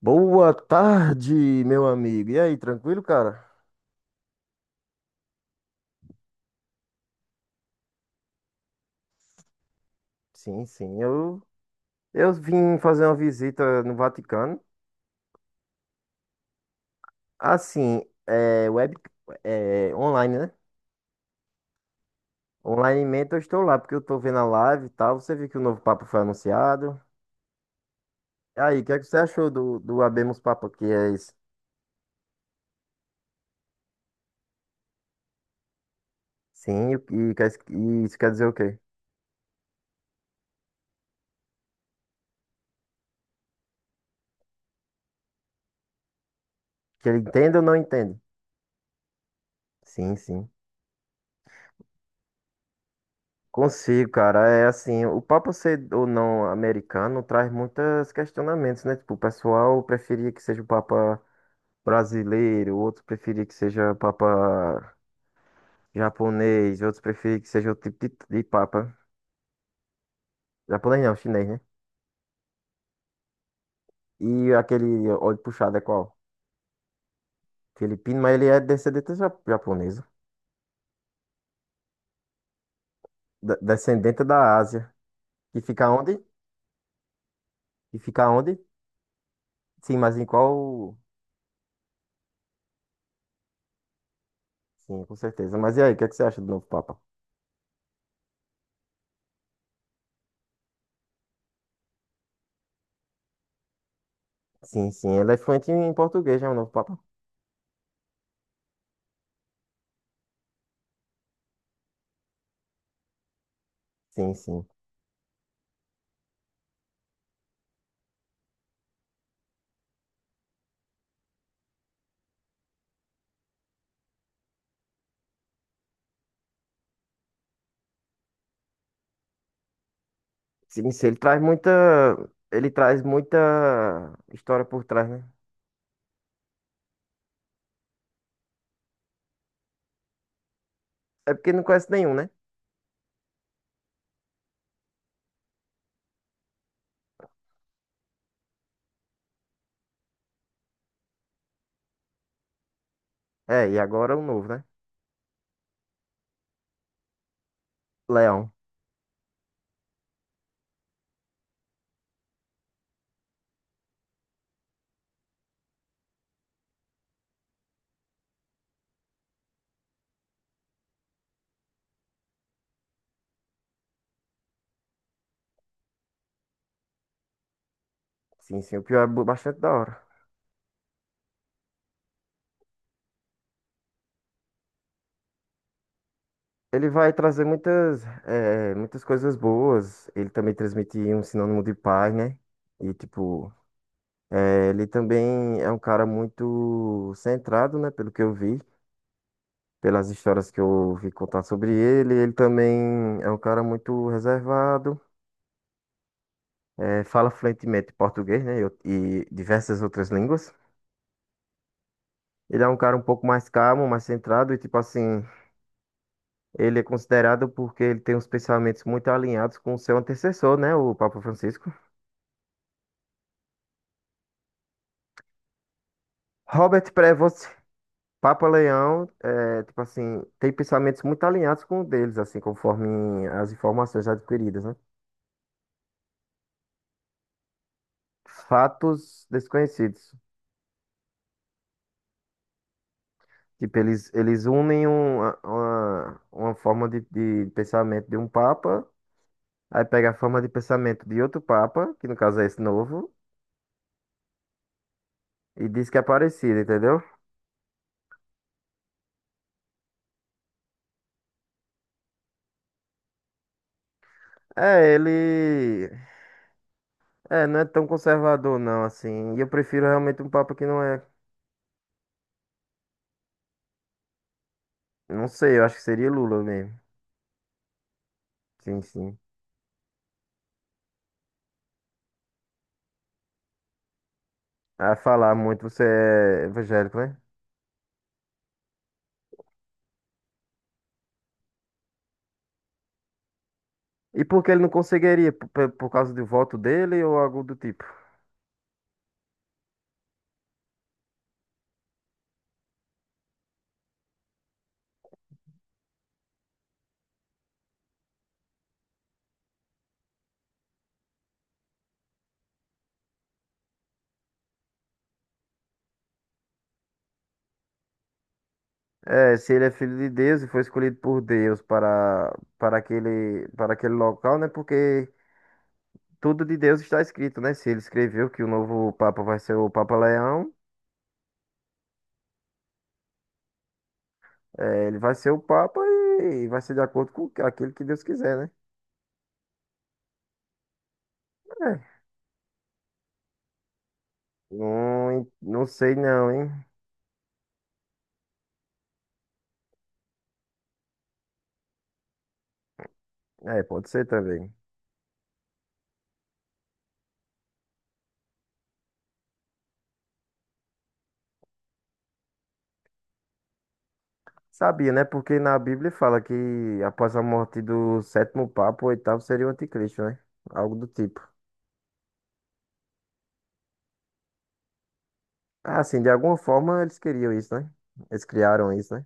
Boa tarde, meu amigo. E aí, tranquilo, cara? Sim, sim. Eu vim fazer uma visita no Vaticano. Assim, é, web, é, online, né? Online eu estou lá, porque eu estou vendo a live e tal. Você viu que o novo Papa foi anunciado. E aí, o que é que você achou do Habemus Papa, que é isso? Sim, e, isso quer dizer o quê? Que ele entende ou não entende? Sim, sim. Consigo, cara. É assim, o papo ser ou não americano traz muitos questionamentos, né? Tipo, o pessoal preferia que seja o Papa brasileiro, outros preferia que seja o Papa japonês, outros preferia que seja outro tipo de Papa. Japonês não, chinês, né? E aquele olho puxado é qual? Filipino, mas ele é descendente japonesa, descendente da Ásia. E fica onde? E fica onde? Sim, mas em qual? Sim, com certeza. Mas e aí, o que é que você acha do novo Papa? Sim, sim. Ele é fluente em português, é o novo Papa. Sim, sim. Sim, sim. Ele traz muita. Ele traz muita história por trás, né? É porque não conhece nenhum, né? É, e agora o novo, né? Leão. Sim, sim. O pior é bastante da hora. Ele vai trazer muitas, muitas coisas boas. Ele também transmite um sinônimo de paz, né? E, tipo, ele também é um cara muito centrado, né? Pelo que eu vi, pelas histórias que eu ouvi contar sobre ele. Ele também é um cara muito reservado, fala fluentemente português, né, e diversas outras línguas. Ele é um cara um pouco mais calmo, mais centrado, e tipo assim, ele é considerado porque ele tem uns pensamentos muito alinhados com o seu antecessor, né, o Papa Francisco. Robert Prevost, Papa Leão, é, tipo assim, tem pensamentos muito alinhados com o deles, assim, conforme as informações adquiridas, né? Fatos desconhecidos. Tipo, eles unem uma forma de pensamento de um papa, aí pega a forma de pensamento de outro papa, que no caso é esse novo, e diz que é parecido, entendeu? É, ele. É, não é tão conservador, não, assim. E eu prefiro realmente um papa que não é. Não sei, eu acho que seria Lula mesmo. Sim, sim. A falar muito, você é evangélico, né? E por que ele não conseguiria? Por causa do voto dele ou algo do tipo? É, se ele é filho de Deus e foi escolhido por Deus para, para aquele local, né? Porque tudo de Deus está escrito, né? Se ele escreveu que o novo Papa vai ser o Papa Leão, é, ele vai ser o Papa e vai ser de acordo com aquilo que Deus quiser, né? É, não, não sei não, hein? É, pode ser também. Sabia, né? Porque na Bíblia fala que após a morte do sétimo Papa, o oitavo seria o anticristo, né? Algo do tipo. Ah, assim, de alguma forma eles queriam isso, né? Eles criaram isso, né?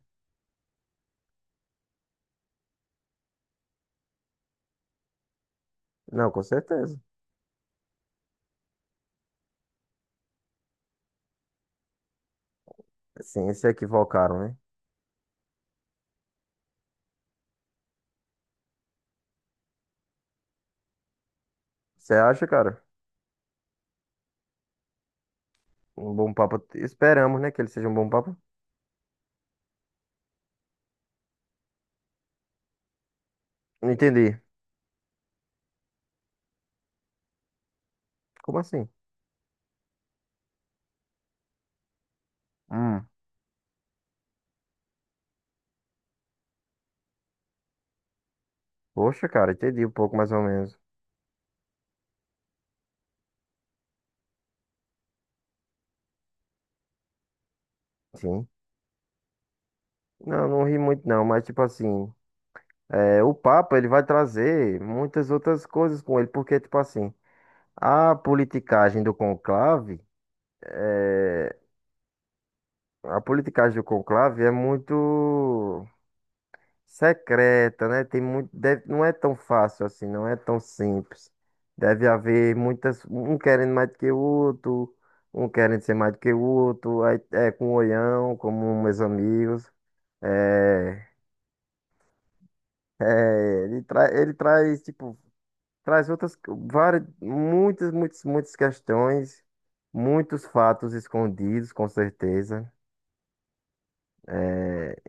Não, com certeza. Sim, se equivocaram, né? Você acha, cara? Um bom papa. Esperamos, né? Que ele seja um bom papa. Não entendi. Como assim? Hum. Poxa, cara, entendi um pouco mais ou menos. Sim. Não, não ri muito não, mas tipo assim, é, o Papa ele vai trazer muitas outras coisas com ele, porque tipo assim, a politicagem do conclave, é, a politicagem do conclave é muito secreta, né? Tem muito, não é tão fácil assim, não é tão simples. Deve haver muitas, um querendo mais do que o outro, um querendo ser mais do que o outro, aí é com o olhão, como meus amigos. É, ele traz, tipo, traz outras, várias, muitas, muitas, muitas questões, muitos fatos escondidos, com certeza.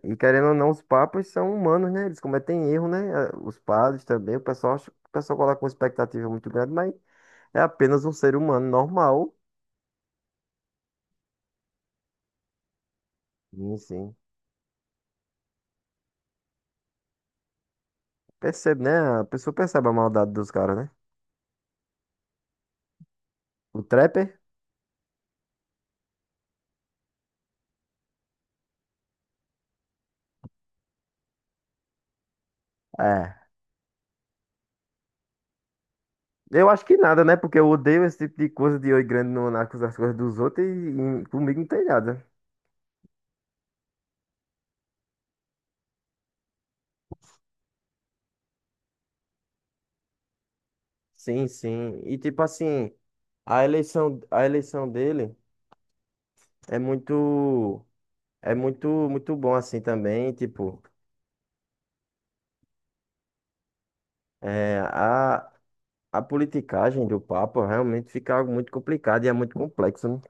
E querendo ou não, os papas são humanos, né? Eles cometem erro, né? Ah, os padres também, o pessoal acha, o pessoal coloca uma expectativa muito grande, mas é apenas um ser humano normal. Sim, sim. Percebe, né? A pessoa percebe a maldade dos caras, né? O Trapper? É. Eu acho que nada, né? Porque eu odeio esse tipo de coisa de oi grande no, nas coisas dos outros e comigo não tem nada. Sim, sim. E tipo assim, a eleição dele é muito, muito bom assim também, tipo. É, a politicagem do Papa realmente fica algo muito complicado e é muito complexo, né?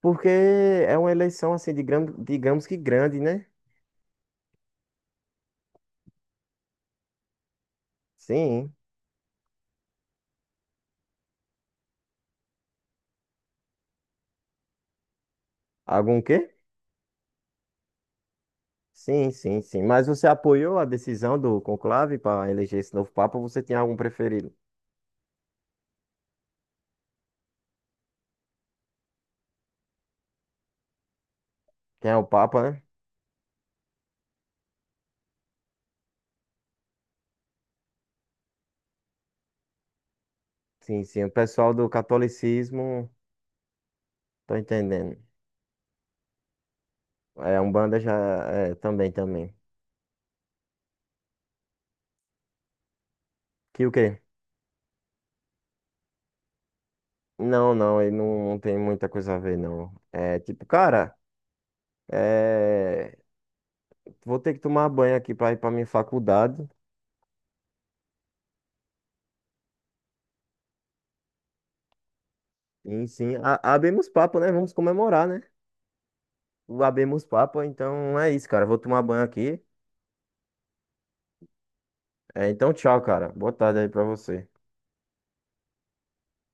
Porque é uma eleição, assim, de gran- digamos que grande, né? Sim. Algum quê? Sim, sim, sim. Mas você apoiou a decisão do conclave para eleger esse novo Papa, ou você tem algum preferido? Quem é o Papa, né? Sim, sim. O pessoal do catolicismo, tô entendendo. É, a Umbanda já é, também, também. Que o quê? Não, não, ele não, não tem muita coisa a ver, não. É tipo, cara. É. Vou ter que tomar banho aqui pra ir pra minha faculdade. E sim, abemos papo, né? Vamos comemorar, né? O abemos papo, então é isso, cara. Vou tomar banho aqui. É, então, tchau, cara. Boa tarde aí pra você.